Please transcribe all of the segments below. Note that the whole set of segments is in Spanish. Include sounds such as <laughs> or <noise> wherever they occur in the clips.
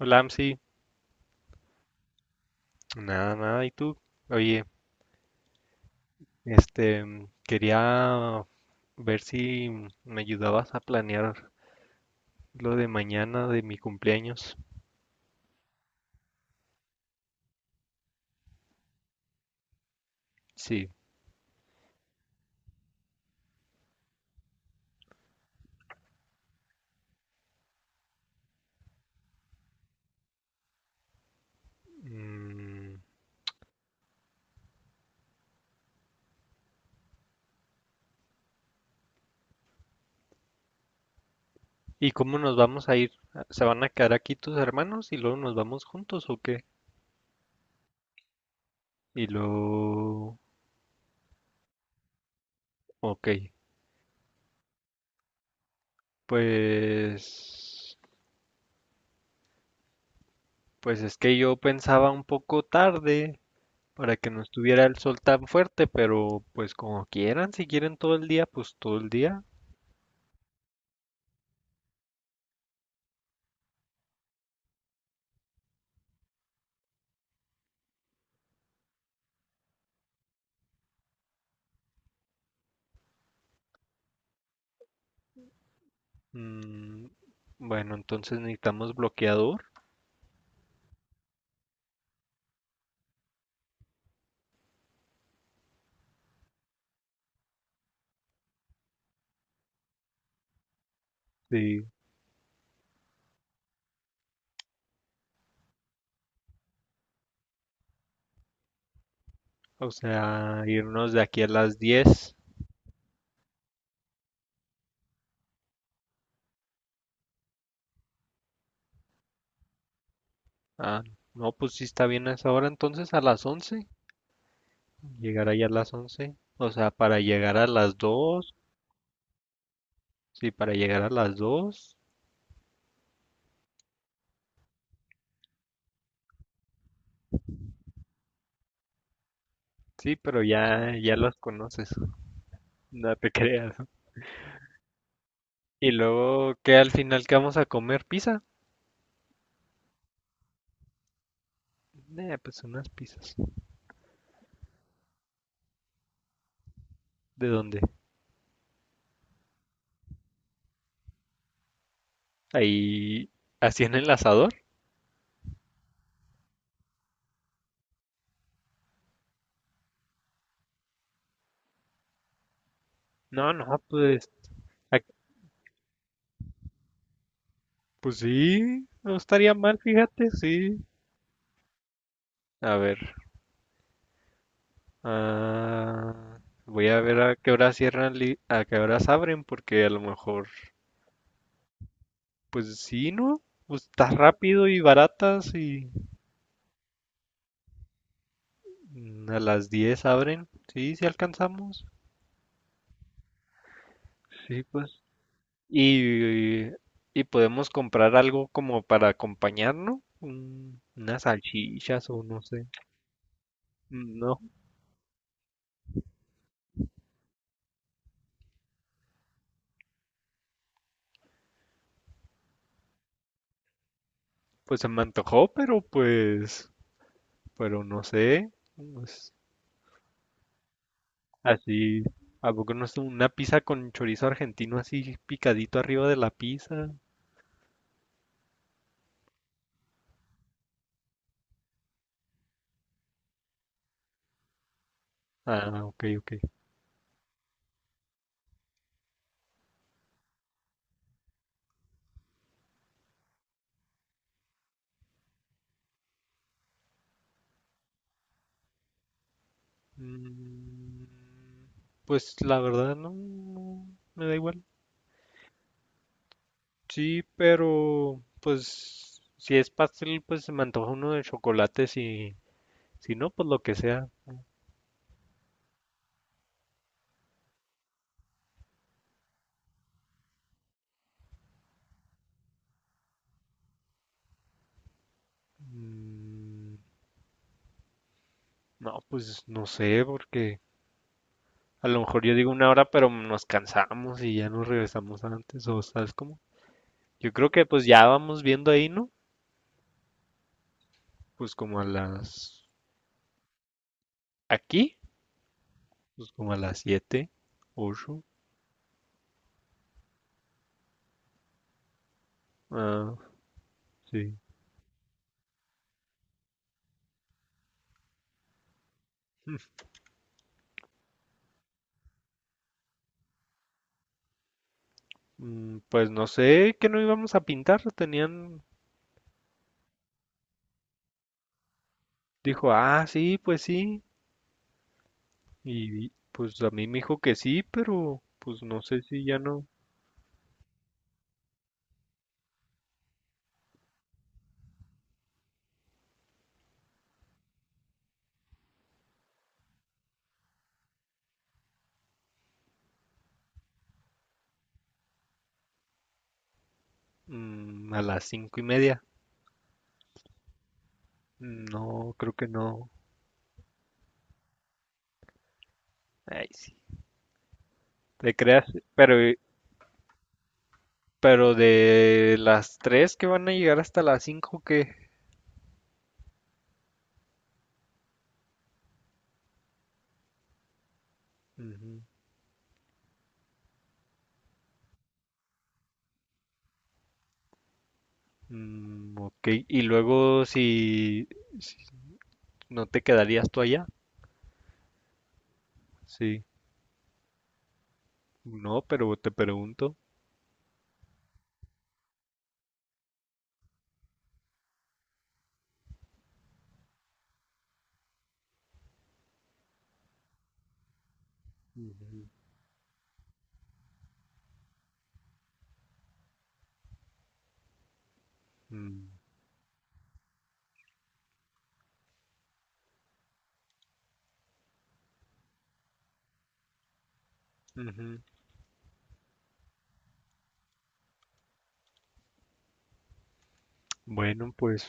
Hola, Amsi. Nada, nada. ¿Y tú? Oye, quería ver si me ayudabas a planear lo de mañana de mi cumpleaños. Sí. Mm, ¿Y cómo nos vamos a ir? ¿Se van a quedar aquí tus hermanos y luego nos vamos juntos o qué? Y luego... Ok, pues... Pues es que yo pensaba un poco tarde para que no estuviera el sol tan fuerte, pero pues como quieran, si quieren todo el día, pues todo el día. Mm, bueno, entonces necesitamos bloqueador. Sí. O sea, irnos de aquí a las 10. Ah, no, pues sí está bien a esa hora. Entonces a las 11. Llegar allá a las 11. O sea, para llegar a las 2. Sí, para llegar a las 2. Sí, pero ya, ya los conoces. <laughs> No te creas. Y luego, ¿qué al final que vamos a comer? ¿Pizza? Pues unas pizzas. ¿De dónde? Ahí, así en el asador. No, no, pues. Pues sí, no estaría mal, fíjate, sí. A ver, ah, voy a ver a qué hora cierran, a qué horas abren, porque a lo mejor, pues sí, ¿no? Pues está rápido y baratas y a las 10 abren, sí, sí alcanzamos. Sí, pues. Y, y podemos comprar algo como para acompañar, ¿no? Unas salchichas o no sé. No, pues se me antojó, pero pues, pero no sé. Pues, así, ¿a poco no es una pizza con chorizo argentino así picadito arriba de la pizza? Ah, ok, ok. Mm, pues la verdad no, no, me da igual. Sí, pero pues si es pastel, pues se me antoja uno de chocolate, si, si no, pues lo que sea. Mm, no, pues no sé, porque a lo mejor yo digo una hora, pero nos cansamos y ya nos regresamos antes, o sabes cómo. Yo creo que pues ya vamos viendo ahí, ¿no? Pues como a las... Aquí, pues como a las 7-8. Ah, sí. <laughs> Pues no sé que no íbamos a pintar. Tenían... Dijo, ah, sí, pues sí. Y pues a mí me dijo que sí, pero pues no sé si ya no. Mm, a las 5:30. No, creo que no. Ay, sí. Te creas, pero, de las 3 que van a llegar hasta las 5 que... Ujú. Ok, y luego si, ¿no te quedarías tú allá? Sí. No, pero te pregunto. Ujú. Mm, ujú. Bueno, pues,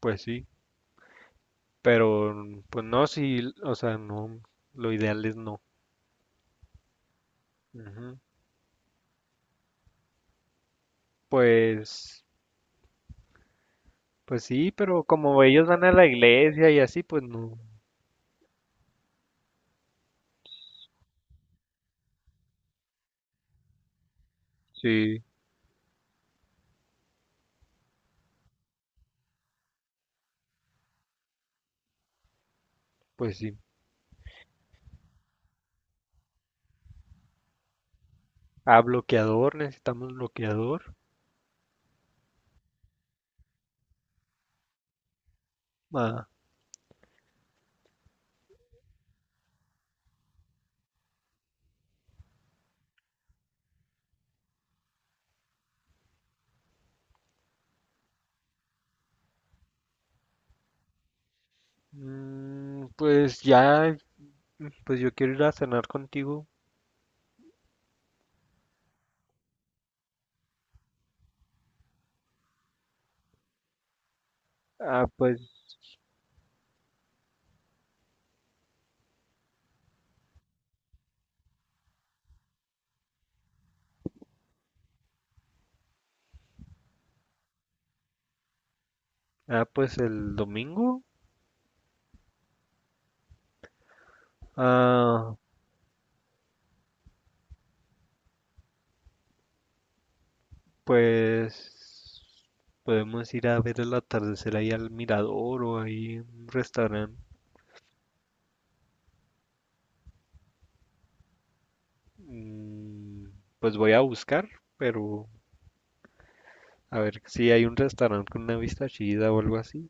pues sí. Pero, mm, pues no, sí, o sea, no, lo ideal es no. Ujú. Pues, pues sí, pero como ellos van a la iglesia y así, pues no. Sí, pues sí. Ah, bloqueador, necesitamos bloqueador. Ah, pues ya, pues yo quiero ir a cenar contigo. Ah, pues, ah, pues el domingo. Ah, pues podemos ir a ver el atardecer ahí al mirador o ahí en un restaurante. Mm, Pues voy a buscar, pero a ver si hay un restaurante con una vista chida o algo así.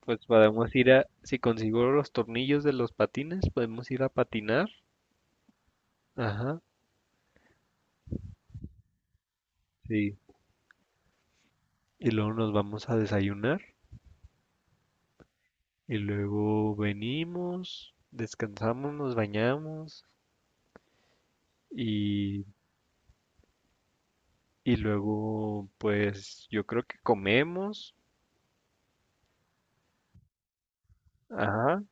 Pues podemos ir a, si consigo los tornillos de los patines, podemos ir a patinar. Ajá, sí. Y luego nos vamos a desayunar. Y luego venimos, descansamos, nos bañamos y Y luego, pues yo creo que comemos. Ajá,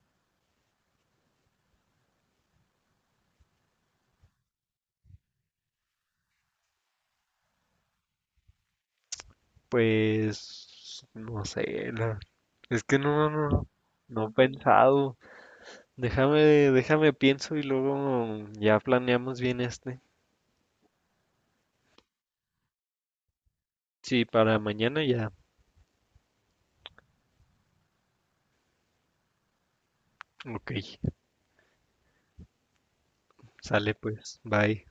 pues no sé, es que no, no, no no he pensado. Déjame, déjame, pienso y luego ya planeamos bien este. Sí, para mañana ya. Ok, sale pues, bye.